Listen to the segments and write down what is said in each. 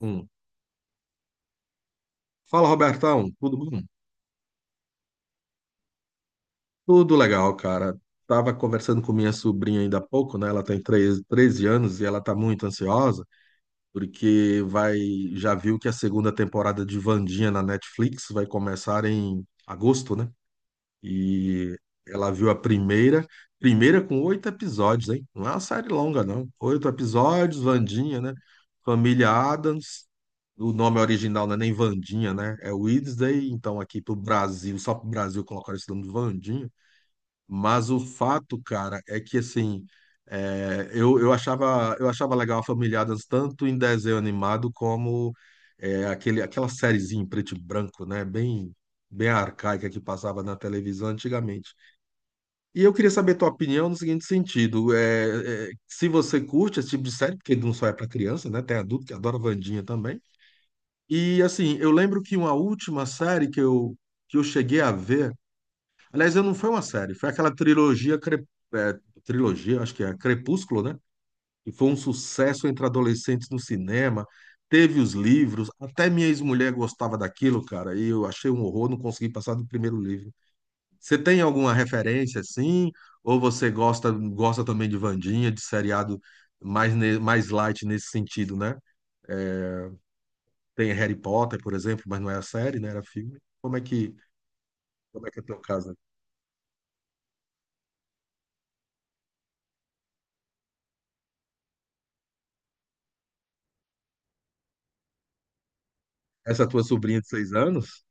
Um. Fala, Robertão, tudo bom? Tudo legal, cara. Tava conversando com minha sobrinha ainda há pouco, né? Ela tem treze anos e ela tá muito ansiosa porque vai, já viu que a segunda temporada de Wandinha na Netflix vai começar em agosto, né? E ela viu a primeira com oito episódios, hein? Não é uma série longa, não. Oito episódios, Vandinha, né? Família Addams. O nome original não é nem Vandinha, né? É Wednesday, então aqui pro Brasil, só pro Brasil colocaram esse nome de Vandinha. Mas o fato, cara, é que assim, eu achava eu achava legal a Família Addams tanto em desenho animado como aquela sériezinha em preto e branco, né? Bem arcaica que passava na televisão antigamente. E eu queria saber tua opinião no seguinte sentido: se você curte esse tipo de série, porque não só é para criança, né? Tem adulto que adora Wandinha também. E assim, eu lembro que uma última série que eu cheguei a ver. Aliás, não foi uma série, foi aquela trilogia, é, trilogia, acho que é Crepúsculo, né? E foi um sucesso entre adolescentes no cinema. Teve os livros, até minha ex-mulher gostava daquilo, cara, e eu achei um horror, não consegui passar do primeiro livro. Você tem alguma referência assim? Ou você gosta também de Wandinha, de seriado mais light nesse sentido, né? Tem Harry Potter, por exemplo, mas não é a série, né? Era filme. Como é que é o teu caso? Essa tua sobrinha de seis anos?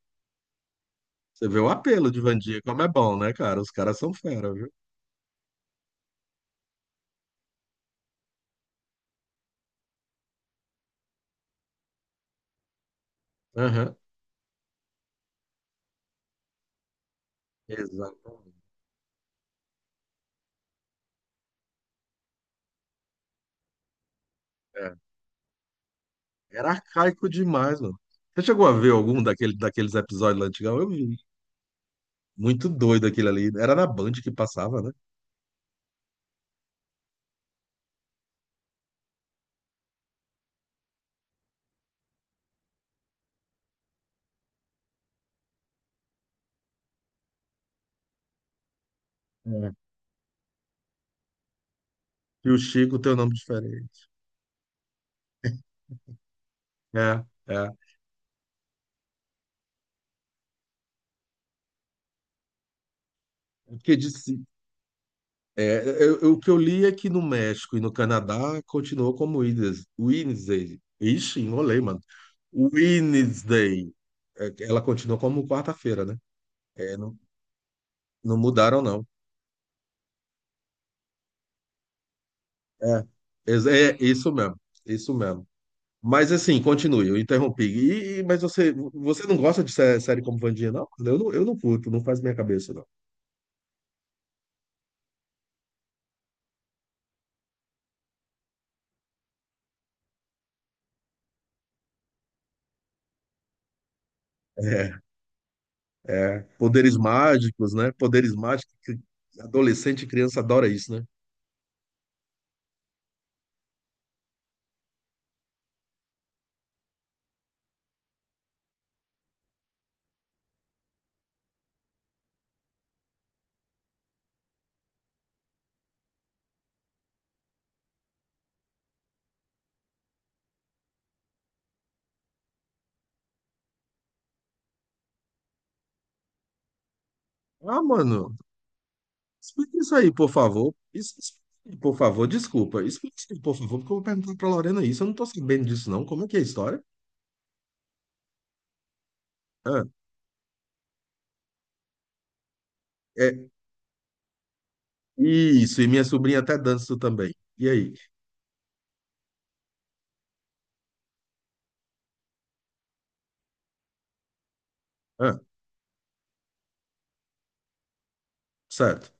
Você vê o apelo de Van como é bom, né, cara? Os caras são fera, viu? Aham. Exatamente. É. Era arcaico demais, mano. Você chegou a ver algum daqueles episódios lá antigão? Eu vi. Muito doido aquele ali. Era na Band que passava, né? É. E o Chico tem um nome diferente. É, é. Porque disse, o que eu li é que no México e no Canadá continuou como Wednesday. Ixi, enrolei, mano. Wednesday. É, ela continuou como quarta-feira, né? É, não, não mudaram, não. É, é isso mesmo, isso mesmo. Mas assim, continue, eu interrompi. Mas você não gosta de série como Vandinha, não? Eu não curto, não faz minha cabeça, não. É, é. Poderes mágicos, né? Poderes mágicos, que adolescente e criança adora isso, né? Ah, mano, explica isso aí, por favor. Isso, explica por favor, desculpa. Explica isso aí, por favor, porque eu vou perguntar pra Lorena isso. Eu não tô sabendo disso, não. Como é que é a história? Ah, é, isso, e minha sobrinha até dança também. E aí? Ah, certo.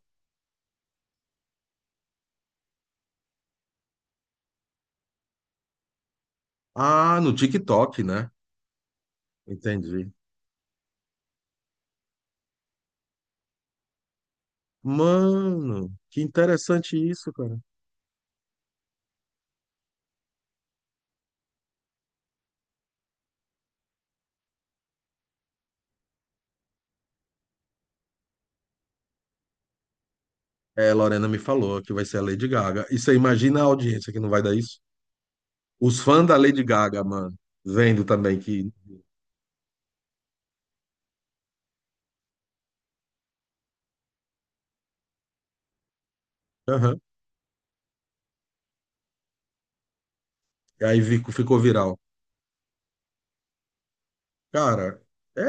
Ah, no TikTok, né? Entendi. Mano, que interessante isso, cara. É, Lorena me falou que vai ser a Lady Gaga. E você imagina a audiência que não vai dar isso? Os fãs da Lady Gaga, mano, vendo também que. Aham. E aí ficou viral. Cara, é,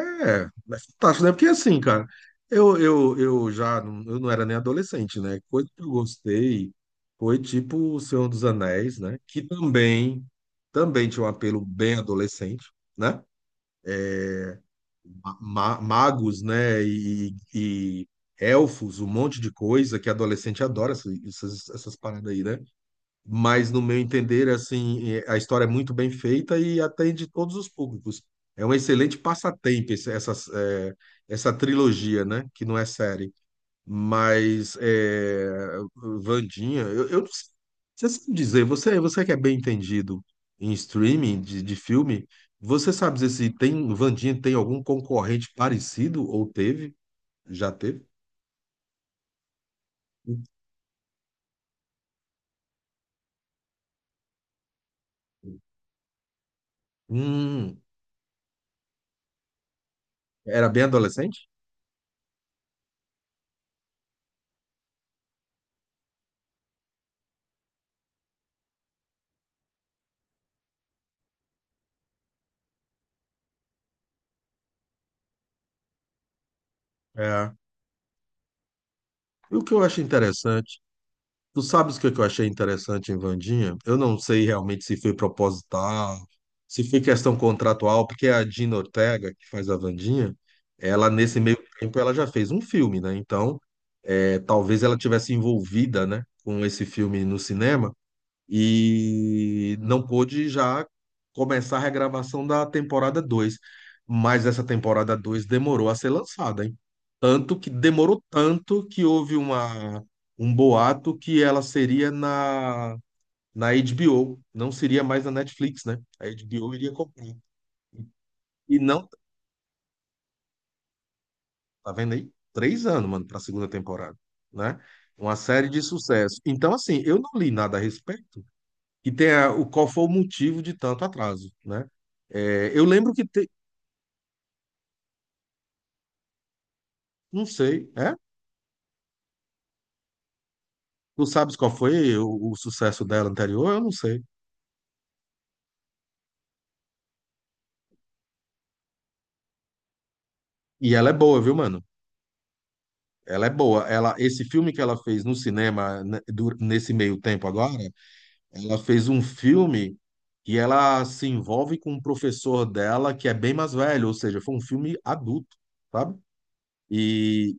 é fantástico, né? Porque assim, cara, eu já não, eu não era nem adolescente, né? Coisa que eu gostei foi tipo O Senhor dos Anéis, né? Também tinha um apelo bem adolescente. Né? Magos, né? e elfos, um monte de coisa que adolescente adora essas paradas aí, né? Mas no meu entender, assim, é, a história é muito bem feita e atende todos os públicos. É um excelente passatempo essa trilogia, né? Que não é série. Mas é, Vandinha, eu não sei. Você sabe dizer, você que é bem entendido em streaming de filme, você sabe dizer se tem Vandinha tem algum concorrente parecido ou teve? Já teve? Hum, era bem adolescente? É. E o que eu acho interessante Tu sabes o que que eu achei interessante em Vandinha? Eu não sei realmente se foi proposital, se foi questão contratual, porque a Dina Ortega, que faz a Vandinha, ela nesse meio tempo ela já fez um filme, né? Então, é, talvez ela tivesse envolvida, né, com esse filme no cinema e não pôde já começar a regravação da temporada 2, mas essa temporada 2 demorou a ser lançada, hein? Tanto que demorou tanto que um boato que ela seria na HBO, não seria mais na Netflix, né? A HBO iria comprar. E não, tá vendo aí? Três anos, mano, para a segunda temporada, né? Uma série de sucesso. Então, assim, eu não li nada a respeito, e tem o qual foi o motivo de tanto atraso, né? É, eu lembro que não sei, é? Tu sabes qual foi o sucesso dela anterior? Eu não sei. E ela é boa, viu, mano? Ela é boa. Ela, esse filme que ela fez no cinema né, nesse meio tempo agora, ela fez um filme que ela se envolve com um professor dela que é bem mais velho, ou seja, foi um filme adulto, sabe? E,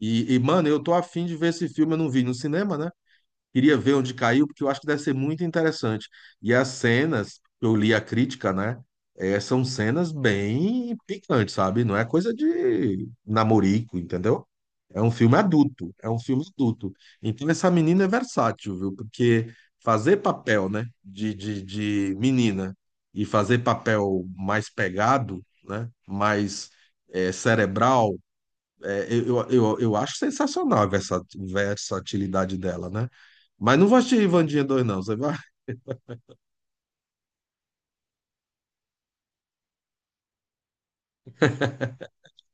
mano, eu tô afim de ver esse filme, eu não vi no cinema, né? Queria ver onde caiu, porque eu acho que deve ser muito interessante. E as cenas, eu li a crítica, né? eh, são cenas bem picantes, sabe? Não é coisa de namorico, entendeu? É um filme adulto, é um filme adulto. Então essa menina é versátil, viu? Porque fazer papel, né, de menina e fazer papel mais pegado, né, mais eh, cerebral, eu acho sensacional a versatilidade dela, né? Mas não vou assistir Ivandinha 2, não. Você vai...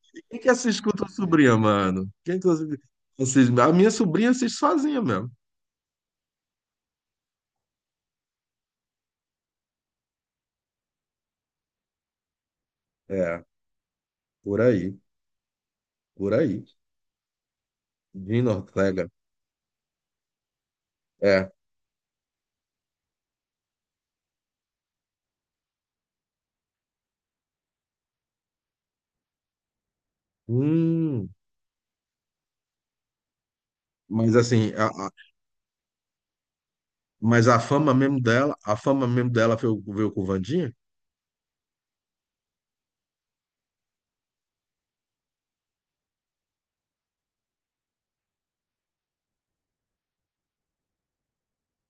Quem que assiste com tua sobrinha, mano? Quem que assiste? A minha sobrinha assiste sozinha mesmo. É, por aí, por aí. Dina Ortega. É. Hum, mas assim, mas a fama mesmo dela, a fama mesmo dela veio, veio com o Vandinha?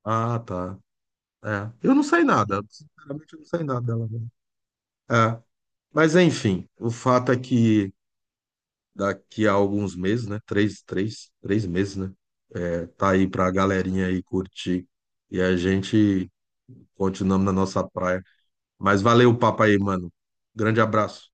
Ah, tá. É. Eu não sei nada. Sinceramente, eu não sei nada dela. Não. É. Mas enfim, o fato é que daqui a alguns meses, né? Três meses, né? É, tá aí pra galerinha aí curtir. E a gente continuamos na nossa praia. Mas valeu o papo aí, mano. Grande abraço.